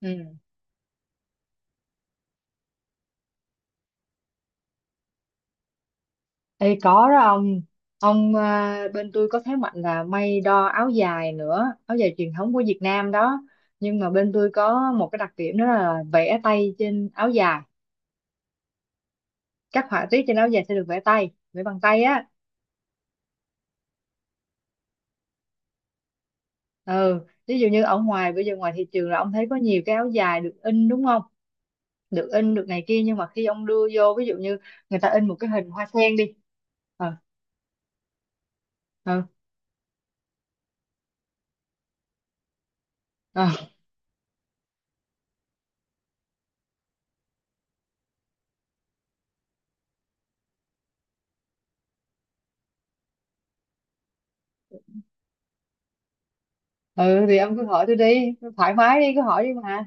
Ừ. Ê, có đó ông bên tôi có thế mạnh là may đo áo dài nữa, áo dài truyền thống của Việt Nam đó, nhưng mà bên tôi có một cái đặc điểm đó là vẽ tay trên áo dài. Các họa tiết trên áo dài sẽ được vẽ bằng tay á. Ừ, ví dụ như ở ngoài bây giờ ngoài thị trường là ông thấy có nhiều cái áo dài được in đúng không, được in được này kia, nhưng mà khi ông đưa vô, ví dụ như người ta in một cái hình hoa sen đi. Ờ. Ờ. Ờ. Ừ thì ông cứ hỏi tôi đi, thoải mái đi, cứ hỏi đi mà.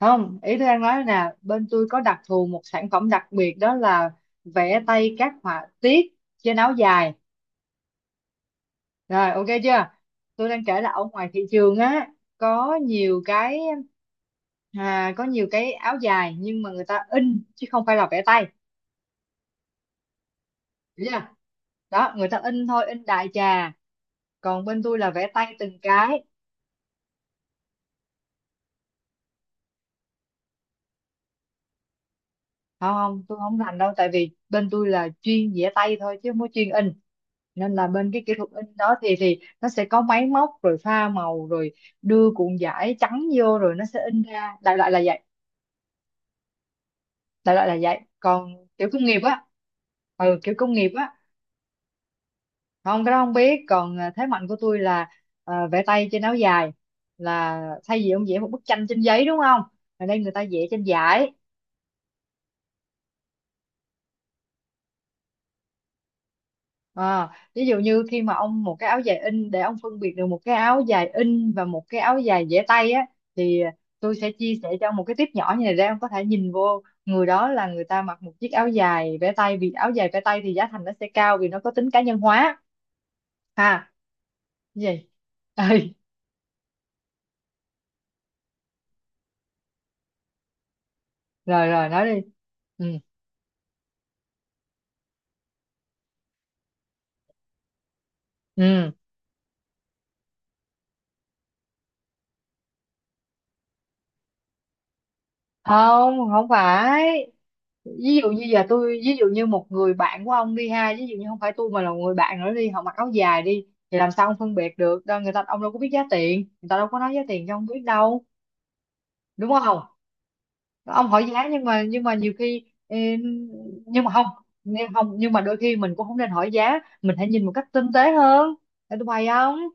Không, ý tôi đang nói là bên tôi có đặc thù một sản phẩm đặc biệt đó là vẽ tay các họa tiết trên áo dài. Rồi, ok chưa. Tôi đang kể là ở ngoài thị trường á, có nhiều cái có nhiều cái áo dài nhưng mà người ta in chứ không phải là vẽ tay, hiểu chưa. Đó, người ta in thôi, in đại trà, còn bên tôi là vẽ tay từng cái. Không không, tôi không rành đâu, tại vì bên tôi là chuyên vẽ tay thôi chứ không có chuyên in. Nên là bên cái kỹ thuật in đó thì nó sẽ có máy móc rồi pha màu rồi đưa cuộn vải trắng vô rồi nó sẽ in ra, đại loại là vậy. Đại loại là vậy, còn kiểu công nghiệp á. Ừ, kiểu công nghiệp á. Không, cái đó không biết. Còn à, thế mạnh của tôi là à, vẽ tay trên áo dài, là thay vì ông vẽ một bức tranh trên giấy đúng không, ở đây người ta vẽ trên vải. À, ví dụ như khi mà ông một cái áo dài in, để ông phân biệt được một cái áo dài in và một cái áo dài vẽ tay á, thì tôi sẽ chia sẻ cho ông một cái tip nhỏ như này, để ông có thể nhìn vô người đó là người ta mặc một chiếc áo dài vẽ tay, vì áo dài vẽ tay thì giá thành nó sẽ cao vì nó có tính cá nhân hóa. Ha? Cái gì? Ê, rồi rồi nói đi. Ừ. Ừ. Không không phải. Ví dụ như giờ tôi ví dụ như một người bạn của ông đi ha, ví dụ như không phải tôi mà là người bạn nữa đi, họ mặc áo dài đi, thì làm sao ông phân biệt được, đâu người ta, ông đâu có biết giá tiền, người ta đâu có nói giá tiền cho ông biết đâu, đúng không. Ông hỏi giá, nhưng mà nhiều khi nhưng mà không, nhưng không, nhưng mà đôi khi mình cũng không nên hỏi giá, mình hãy nhìn một cách tinh tế hơn. Để tôi bày. Không,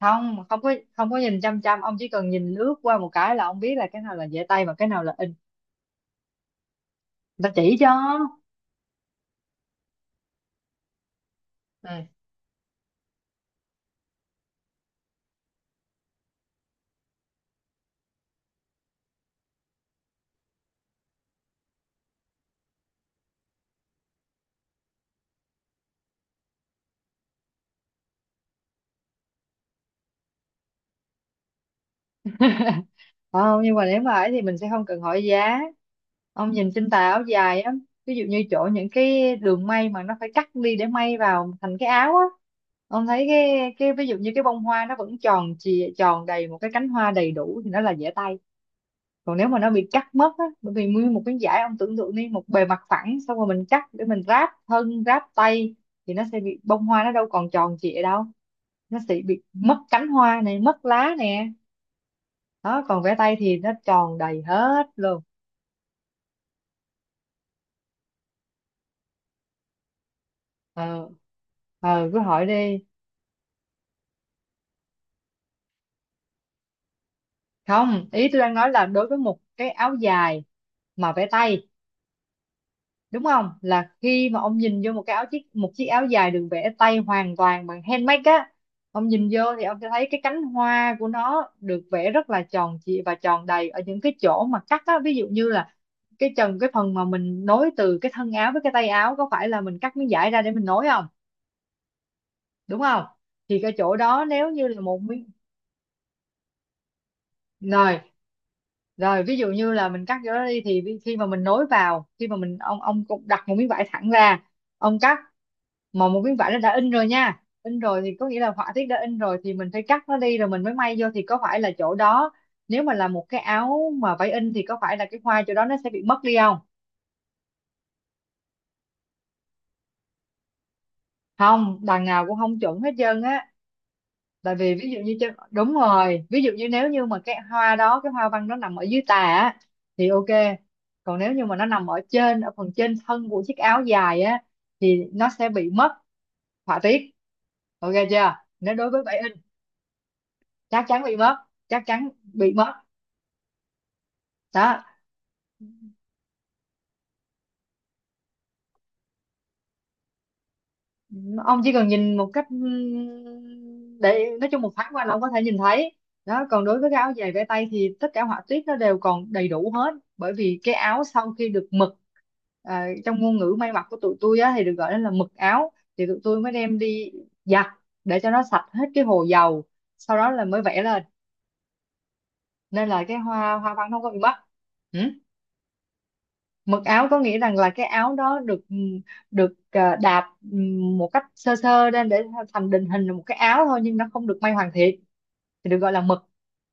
không, không có, nhìn chăm chăm. Ông chỉ cần nhìn lướt qua một cái là ông biết là cái nào là dễ tay và cái nào là in, người ta chỉ cho. Ừ, không, nhưng mà nếu mà ấy thì mình sẽ không cần hỏi giá. Ông nhìn trên tà áo dài á, ví dụ như chỗ những cái đường may mà nó phải cắt đi để may vào thành cái áo á, ông thấy cái ví dụ như cái bông hoa nó vẫn tròn chì tròn đầy một cái cánh hoa đầy đủ thì nó là dễ tay. Còn nếu mà nó bị cắt mất á, bởi vì nguyên một cái dải ông tưởng tượng đi, một bề mặt phẳng xong rồi mình cắt để mình ráp thân ráp tay, thì nó sẽ bị, bông hoa nó đâu còn tròn trịa đâu, nó sẽ bị mất cánh hoa này, mất lá nè. Đó, còn vẽ tay thì nó tròn đầy hết luôn. Ờ. Ờ, cứ hỏi đi. Không, ý tôi đang nói là đối với một cái áo dài mà vẽ tay đúng không, là khi mà ông nhìn vô một cái áo, chiếc một chiếc áo dài được vẽ tay hoàn toàn bằng handmade á, ông nhìn vô thì ông sẽ thấy cái cánh hoa của nó được vẽ rất là tròn trịa và tròn đầy. Ở những cái chỗ mà cắt á, ví dụ như là cái trần, cái phần mà mình nối từ cái thân áo với cái tay áo, có phải là mình cắt miếng vải ra để mình nối không, đúng không. Thì cái chỗ đó, nếu như là một miếng, rồi rồi ví dụ như là mình cắt chỗ đó đi, thì khi mà mình nối vào, khi mà mình, ông cũng đặt một miếng vải thẳng ra, ông cắt. Mà một miếng vải nó đã in rồi nha, in rồi thì có nghĩa là họa tiết đã in rồi, thì mình phải cắt nó đi rồi mình mới may vô, thì có phải là chỗ đó, nếu mà là một cái áo mà vải in, thì có phải là cái hoa chỗ đó nó sẽ bị mất đi không. Không, đằng nào cũng không chuẩn hết trơn á. Tại vì ví dụ như, chứ đúng rồi, ví dụ như nếu như mà cái hoa đó, cái hoa văn nó nằm ở dưới tà á, thì ok. Còn nếu như mà nó nằm ở trên, ở phần trên thân của chiếc áo dài á, thì nó sẽ bị mất họa tiết. Ok chưa, nếu đối với 7 inch. Chắc chắn bị mất. Chắc chắn bị mất. Đó, ông chỉ cần nhìn một cách để nói chung một thoáng qua là ông có thể nhìn thấy. Đó, còn đối với cái áo dài vẽ tay thì tất cả họa tiết nó đều còn đầy đủ hết, bởi vì cái áo sau khi được mực, à, trong ngôn ngữ may mặc của tụi tôi á, thì được gọi là mực áo, thì tụi tôi mới đem đi giặt để cho nó sạch hết cái hồ dầu, sau đó là mới vẽ lên, nên là cái hoa, hoa văn nó không có bị mất. Mực áo có nghĩa rằng là cái áo đó được, à, đạp một cách sơ sơ lên để thành định hình là một cái áo thôi, nhưng nó không được may hoàn thiện, thì được gọi là mực.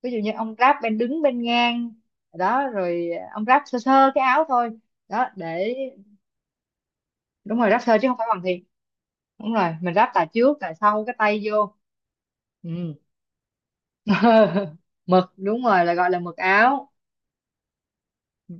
Ví dụ như ông ráp bên đứng, bên ngang, đó rồi ông ráp sơ sơ cái áo thôi. Đó, để. Đúng rồi, ráp sơ chứ không phải hoàn thiện. Đúng rồi, mình ráp tà trước, tà sau, cái tay vô. Ừ. Mực, đúng rồi, là gọi là mực áo. Ừ.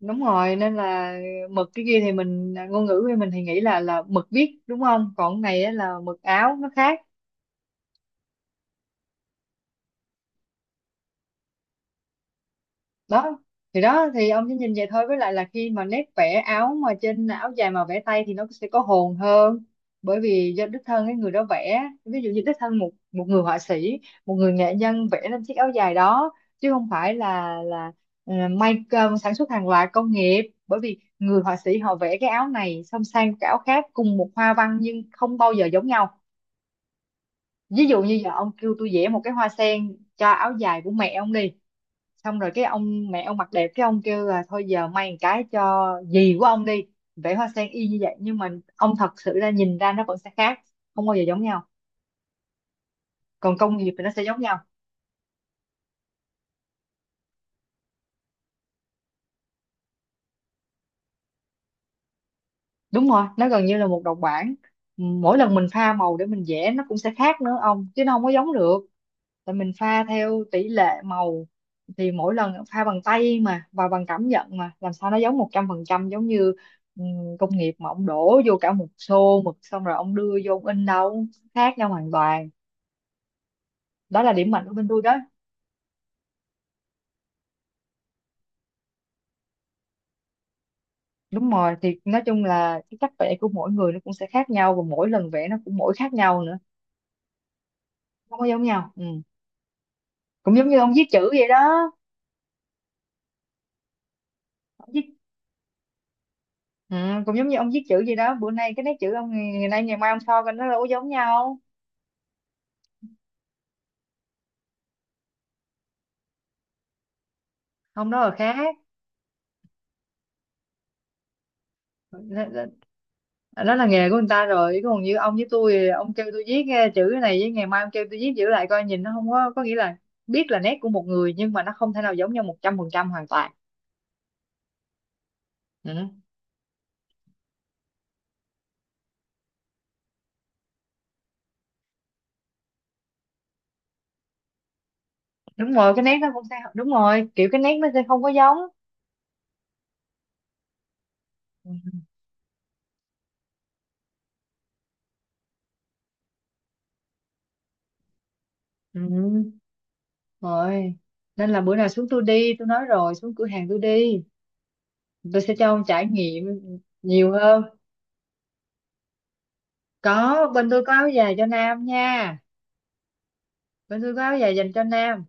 Đúng rồi, nên là mực cái kia thì mình, à, ngôn ngữ của mình thì nghĩ là mực viết đúng không, còn cái này á là mực áo, nó khác. Đó, thì đó, thì ông chỉ nhìn vậy thôi, với lại là khi mà nét vẽ áo mà trên áo dài mà vẽ tay thì nó sẽ có hồn hơn, bởi vì do đích thân cái người đó vẽ, ví dụ như đích thân một một người họa sĩ, một người nghệ nhân vẽ lên chiếc áo dài đó, chứ không phải là may sản xuất hàng loạt công nghiệp. Bởi vì người họa sĩ họ vẽ cái áo này xong sang cái áo khác cùng một hoa văn nhưng không bao giờ giống nhau. Ví dụ như giờ ông kêu tôi vẽ một cái hoa sen cho áo dài của mẹ ông đi, xong rồi cái ông, mẹ ông mặt đẹp, cái ông kêu là thôi giờ may một cái cho dì của ông đi, vẽ hoa sen y như vậy, nhưng mà ông thật sự ra nhìn ra nó vẫn sẽ khác, không bao giờ giống nhau. Còn công nghiệp thì nó sẽ giống nhau. Đúng rồi, nó gần như là một độc bản. Mỗi lần mình pha màu để mình vẽ nó cũng sẽ khác nữa ông, chứ nó không có giống được, tại mình pha theo tỷ lệ màu, thì mỗi lần pha bằng tay mà và bằng cảm nhận, mà làm sao nó giống 100%, giống như công nghiệp mà ông đổ vô cả một xô mực xong rồi ông đưa vô ông in đâu. Khác nhau hoàn toàn. Đó là điểm mạnh của bên tôi đó. Đúng rồi, thì nói chung là cái cách vẽ của mỗi người nó cũng sẽ khác nhau, và mỗi lần vẽ nó cũng mỗi khác nhau nữa, không có giống nhau. Ừ. Cũng giống như ông viết chữ vậy đó. Ông viết, ừ, cũng giống như ông viết chữ vậy đó, bữa nay cái nét chữ ông ngày nay, ngày mai ông so coi nó đâu có giống nhau. Không, đó là khác. Nó, đó là nghề của người ta rồi, còn như ông với tôi thì ông kêu tôi viết chữ cái này, với ngày mai ông kêu tôi viết chữ lại coi nhìn, nó không có, có nghĩa là biết là nét của một người nhưng mà nó không thể nào giống nhau 100% hoàn toàn. Ừ. Đúng rồi, cái nét nó cũng sẽ, đúng rồi, kiểu cái nét nó sẽ không có giống. Ừ. Ừ. Rồi, nên là bữa nào xuống tôi đi, tôi nói rồi, xuống cửa hàng tôi đi, tôi sẽ cho ông trải nghiệm nhiều hơn. Có, bên tôi có áo dài cho nam nha, bên tôi có áo dài dành cho nam.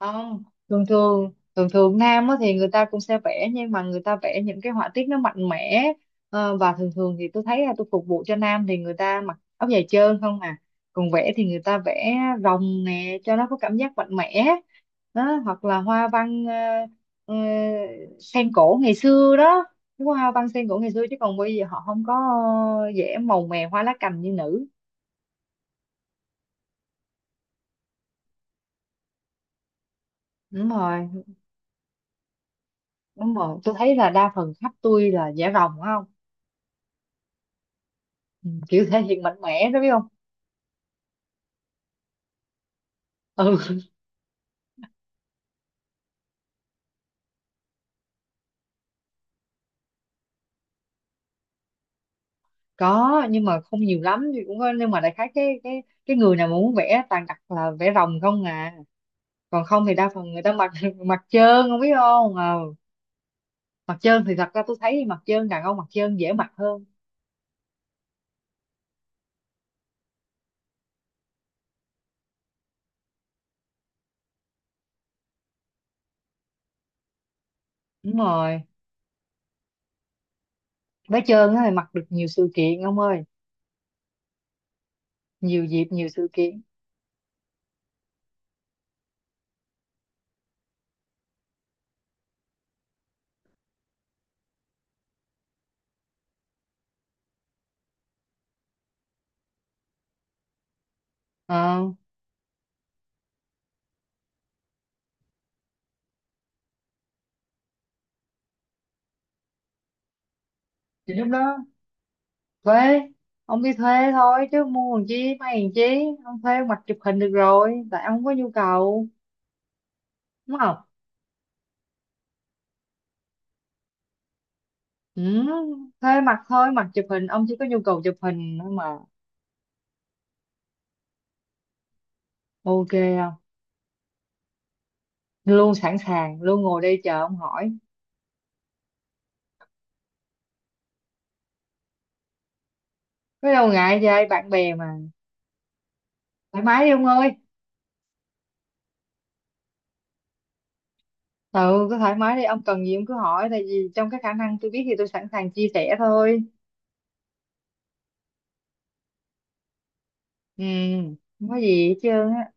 Không, thường thường nam á, thì người ta cũng sẽ vẽ nhưng mà người ta vẽ những cái họa tiết nó mạnh mẽ. Ờ, và thường thường thì tôi thấy là tôi phục vụ cho nam thì người ta mặc áo dài trơn không à, còn vẽ thì người ta vẽ rồng nè cho nó có cảm giác mạnh mẽ. Đó, hoặc là hoa văn ờ, sen cổ ngày xưa đó, cái hoa văn sen cổ ngày xưa, chứ còn bây giờ họ không có vẽ màu mè hoa lá cành như nữ. Đúng rồi. Tôi thấy là đa phần khách tôi là vẽ rồng, phải không. Ừ, kiểu thể hiện mạnh mẽ đó, biết không. Ừ, có, nhưng mà không nhiều lắm, thì cũng có nhưng mà đại khái cái người nào mà muốn vẽ toàn đặt là vẽ rồng không à. Còn không thì đa phần người ta mặc mặc trơn, không biết không. Ờ, mặc trơn thì thật ra tôi thấy mặc trơn, đàn ông mặc trơn dễ mặc hơn. Đúng rồi, vẽ trơn á thì mặc được nhiều sự kiện ông ơi, nhiều dịp, nhiều sự kiện. ờ thì lúc đó thuê. Ông đi thuê thôi chứ mua làm chi, may làm chi, ông thuê ông mặc chụp hình được rồi, tại ông không có nhu cầu, đúng không. Ừ, thuê mặt thôi, mặt chụp hình, ông chỉ có nhu cầu chụp hình thôi mà. Ok không? Luôn sẵn sàng, luôn ngồi đây chờ ông hỏi. Có đâu ngại vậy, bạn bè mà. Thoải mái đi ông ơi. Ừ, cứ thoải mái đi, ông cần gì ông cứ hỏi, tại vì trong cái khả năng tôi biết thì tôi sẵn sàng chia sẻ thôi. Ừ, không có gì hết trơn á.